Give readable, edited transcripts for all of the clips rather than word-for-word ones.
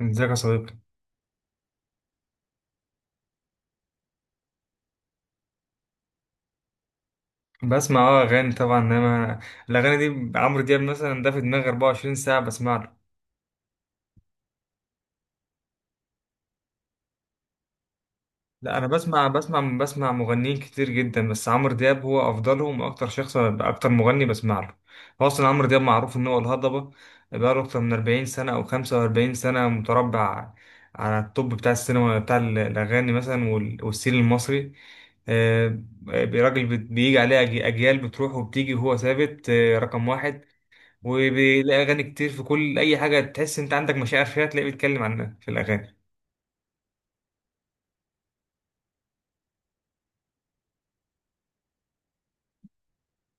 ازيك يا صديقي؟ بسمع اغاني طبعا، انما الاغاني دي عمرو دياب. مثلا ده في دماغي 24 ساعه بسمع له. لا، انا بسمع مغنيين كتير جدا، بس عمرو دياب هو افضلهم واكتر شخص، اكتر مغني بسمع له. هو اصلا عمرو دياب معروف ان هو الهضبه. بقاله اكتر من 40 سنه او 45 سنه متربع على التوب بتاع السينما بتاع الاغاني مثلا والسين المصري. راجل بيجي عليه أجيال بتروح وبتيجي وهو ثابت، رقم واحد. وبيلاقي اغاني كتير في كل اي حاجه تحس انت عندك مشاعر فيها تلاقيه بيتكلم عنها في الاغاني.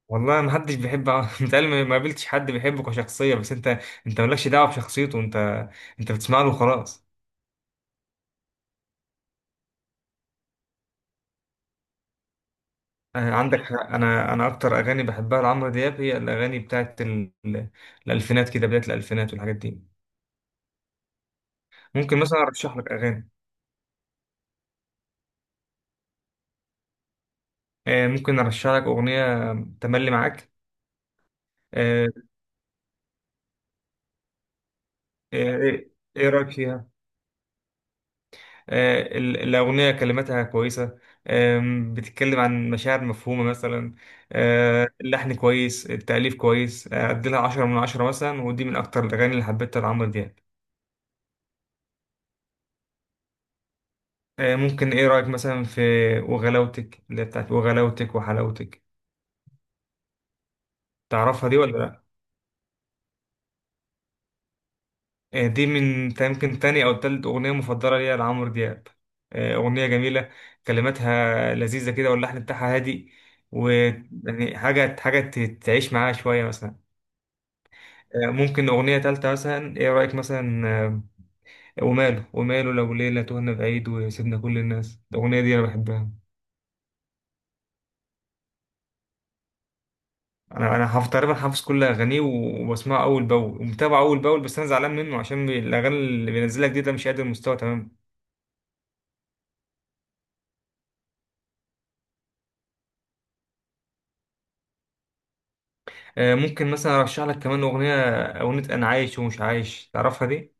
والله ما حدش بيحب متهيألي ما قابلتش حد بيحبه كشخصيه، بس انت انت مالكش دعوه بشخصيته، انت انت بتسمع له وخلاص. عندك حق. انا اكتر اغاني بحبها لعمرو دياب هي الاغاني بتاعت الالفينات، كده بدايه الالفينات والحاجات دي. ممكن مثلا ارشح لك اغاني؟ ممكن ارشح لك اغنيه تملي معاك. آه، ايه، إيه رايك فيها؟ الأغنية كلماتها كويسة. بتتكلم عن مشاعر مفهومة مثلا. اللحن كويس، التأليف كويس، أديلها عشرة من عشرة مثلا، ودي من أكتر الأغاني اللي حبيتها لعمرو دياب. ممكن، إيه رأيك مثلا في وغلاوتك؟ اللي هي بتاعت وغلاوتك وحلاوتك. تعرفها دي ولا لأ؟ دي من يمكن تاني أو تالت أغنية مفضلة ليا لعمرو دياب. أغنية جميلة، كلماتها لذيذة كده واللحن بتاعها هادي. ويعني حاجة، حاجة تعيش معاها شوية مثلا. ممكن أغنية تالتة مثلا، إيه رأيك مثلا وماله، وماله لو ليلة تهنا بعيد وسيبنا كل الناس؟ الأغنية دي أنا بحبها. أنا حافظ تقريبا، حافظ كل أغانيه وبسمعه أول بأول ومتابعه أول بأول، بس أنا زعلان منه عشان الأغاني اللي بينزلها جديد ده مش قادر المستوى تمام. ممكن مثلا أرشح لك كمان أغنية. أغنية أنا عايش ومش عايش، تعرفها دي؟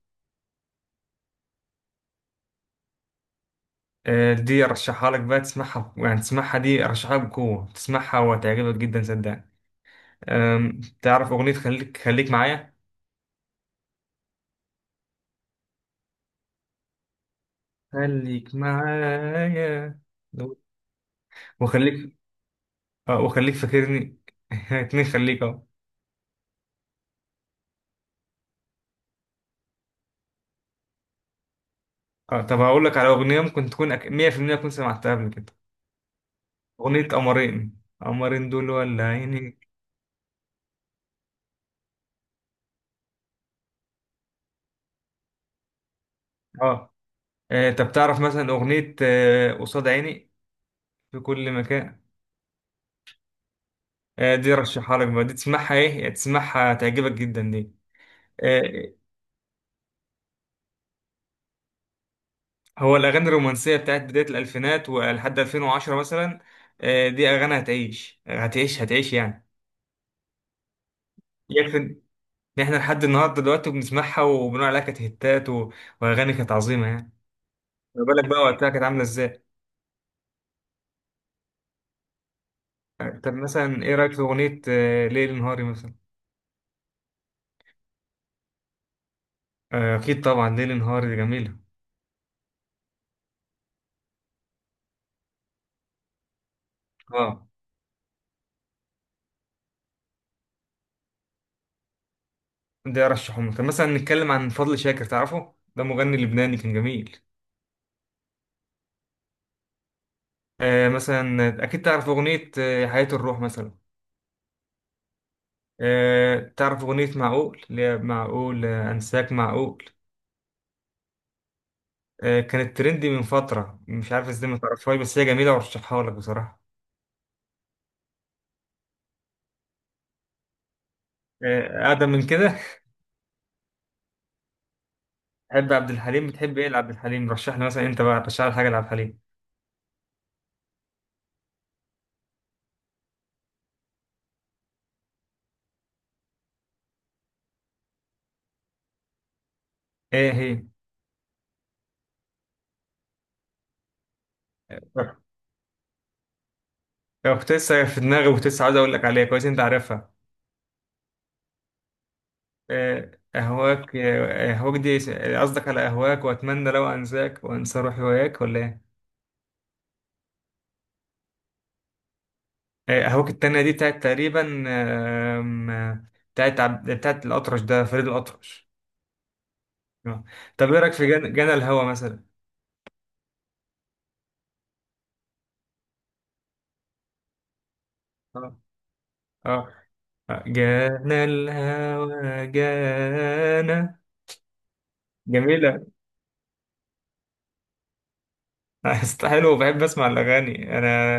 دي أرشحها لك بقى، تسمعها، يعني تسمعها، دي أرشحها بقوة، تسمعها وهتعجبك جدا صدقني. تعرف أغنية خليك، خليك معايا؟ خليك معايا، وخليك، اه، وخليك فاكرني. اتنين خليك، اه. اه، طب هقول لك على اغنيه، ممكن تكون 100% تكون سمعتها قبل كده. اغنيه قمرين، قمرين دول ولا عيني؟ اه. طب تعرف مثلا اغنيه قصاد عيني؟ في كل مكان. دي رشحها لك بقى، دي تسمعها، ايه يعني، تسمعها تعجبك جدا دي. آه، هو الاغاني الرومانسيه بتاعت بدايه الالفينات ولحد 2010 مثلا، دي اغاني هتعيش هتعيش هتعيش يعني. يكفي يعني، احنا لحد النهارده دلوقتي بنسمعها وبنقول عليها كانت هيتات، و- واغاني كانت عظيمه يعني. ما بالك بقى وقتها كانت عامله ازاي؟ طب مثلا ايه رايك في اغنيه ليل نهاري مثلا؟ اكيد طبعا ليل نهاري دي جميله. اه، ده ارشحهم. طب مثلا نتكلم عن فضل شاكر، تعرفه؟ ده مغني لبناني كان جميل. مثلا اكيد تعرف اغنيه حياه الروح مثلا. تعرف اغنيه معقول، اللي هي معقول انساك معقول. كانت ترندي من فتره، مش عارف ازاي ما تعرفهاش، بس هي جميله وارشحها لك بصراحه. أقدم من كده. بحب عبد الحليم، بتحب إيه لعبد الحليم؟ رشح لي مثلا، أنت بقى رشح لي حاجة لعبد الحليم. إيه هي؟ لو كنت لسه في دماغي وكنت لسه عاوز أقول لك عليها، كويس أنت عارفها. آه، أهواك دي قصدك على أهواك وأتمنى لو أنساك وأنسى روحي وياك، ولا إيه؟ أهواك التانية دي بتاعت تقريبا آم، آه، بتاعت بتاعت الأطرش، ده فريد الأطرش. آه. طب إيه رأيك في جنى الهوى مثلا؟ آه آه جانا الهوى جانا، جميلة. أصل حلو، بحب اسمع الاغاني انا.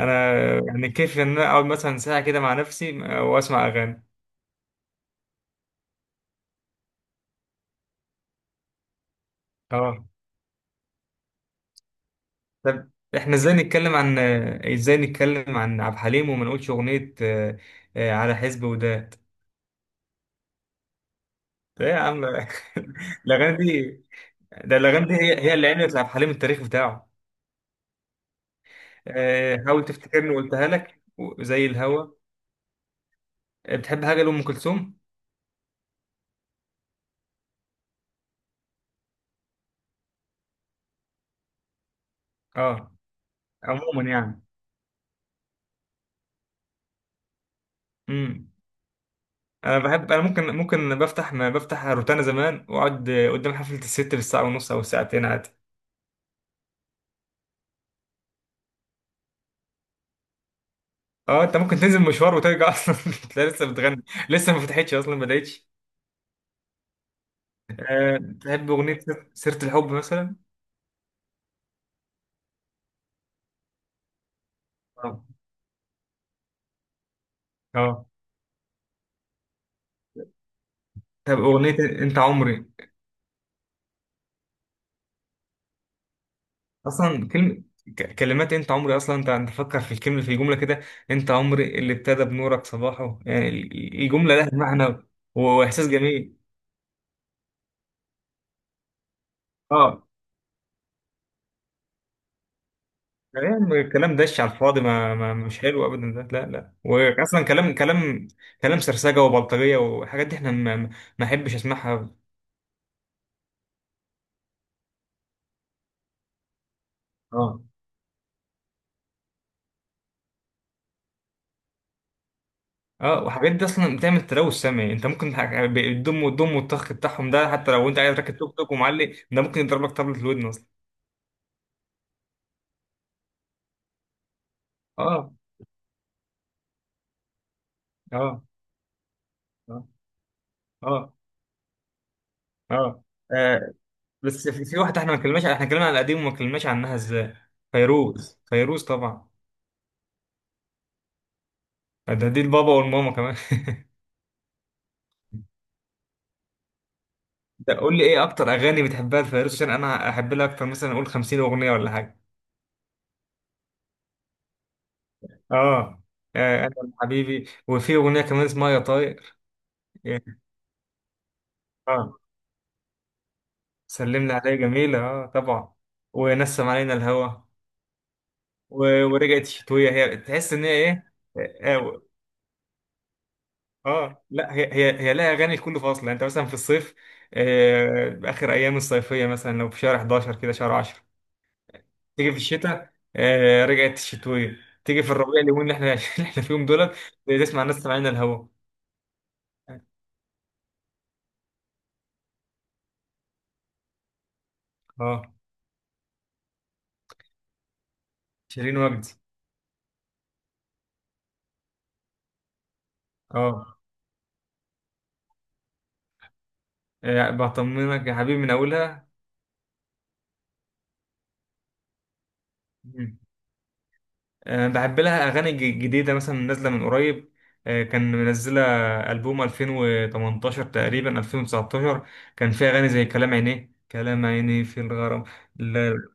انا يعني كيف ان انا اقعد مثلا ساعه كده مع نفسي واسمع اغاني. اه، طب احنا ازاي نتكلم عن، ازاي نتكلم عن عبد الحليم وما نقولش اغنيه على حزب وداد؟ ايه يا عم الاغاني دي. ده الاغاني دي هي هي اللي عملت لعبد الحليم التاريخ بتاعه. حاول تفتكرني، وقلتها لك زي الهوا. بتحب حاجه لام كلثوم؟ اه، عموما يعني. مم. انا بحب، انا ممكن بفتح، ما بفتح روتانا زمان واقعد قدام حفله الست بالساعه ونص او ساعتين عادي. اه، انت ممكن تنزل مشوار وترجع اصلا تلاقي لسه بتغني، لسه ما فتحتش اصلا، ما بدأتش. أه، تحب اغنيه سيره الحب مثلا؟ اه، اه. طب اغنيه انت عمري، اصلا كلمه، كلمات انت عمري اصلا، انت فكر في الكلمه، في الجمله كده، انت عمري اللي ابتدى بنورك صباحه، يعني الجمله لها معنى واحساس جميل. اه يعني الكلام دش على الفاضي، ما مش حلو ابدا ده، لا لا. واصلا كلام، كلام، كلام سرسجه وبلطجيه وحاجات دي احنا ما احبش اسمعها. اه. اه، وحاجات دي اصلا بتعمل تلوث سمعي، انت ممكن الدم والدم والطخ بتاعهم ده، حتى لو انت قاعد راكب توك توك ومعلق، ده ممكن يضربك طبلة في الودن اصلا. اه، اه، اه، اه، اه. آه، بس في واحده احنا ما اتكلمناش، احنا اتكلمنا على القديم وما اتكلمناش عنها ازاي. فيروز، فيروز طبعا. دي البابا والماما كمان. ده قول لي ايه اكتر اغاني بتحبها لفيروز عشان انا احب لها اكتر، مثلا اقول 50 اغنيه ولا حاجه. اه. انا حبيبي، وفي اغنيه كمان اسمها يا طاير. يعني اه، سلمنا عليها جميله اه طبعا، ونسم علينا الهوى، ورجعت شتويه. هي تحس ان هي ايه، لا، هي لها اغاني لكل فصل يعني. انت مثلا في الصيف، اخر ايام الصيفيه مثلا، لو في شهر 11 كده شهر 10 تيجي في الشتاء، آه رجعت الشتويه، تيجي في الربيع اليومين اللي احنا اللي احنا فيهم دولت، تسمع الناس سامعين الهوا. اه، شيرين وجدي. اه. بطمنك يا حبيبي من اولها. مم. بحب لها اغاني جديده مثلا نازله من قريب، كان منزله البوم 2018 تقريبا 2019 كان فيها اغاني زي كلام عينيه، كلام عينيه في الغرام. لا-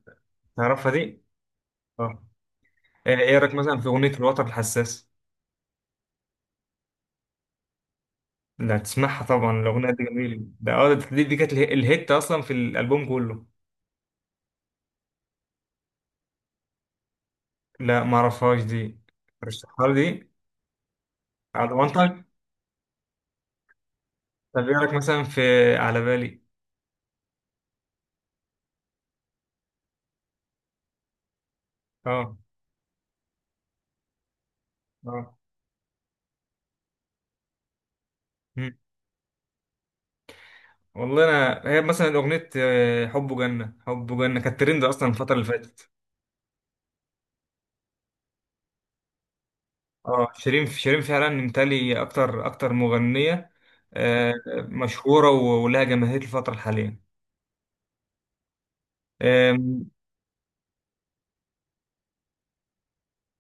تعرفها دي؟ اه. ايه رايك مثلا في اغنيه الوتر الحساس؟ ده هتسمعها طبعا، الأغنية دي جميلة، ده اه، دي كانت الهيت أصلا في الألبوم كله. لا، معرفهاش دي. رشحها لي دي، على ضمانتك. طب إيه رأيك مثلا في على بالي؟ اه، اه. مم. والله، أنا هي مثلا أغنية حب جنة، حب جنة كانت ترند أصلا الفترة اللي فاتت. اه، شيرين، شيرين فعلا متهيألي أكتر، أكتر مغنية آه، مشهورة ولها جماهير الفترة الحالية. آم،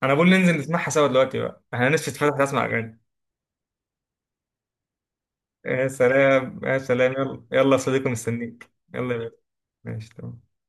أنا بقول ننزل نسمعها سوا دلوقتي بقى، احنا نفسي تفتح أسمع أغاني. يا سلام، يا سلام، يلا يلا يا صديقي، مستنيك، يلا يا باشا. ماشي تمام.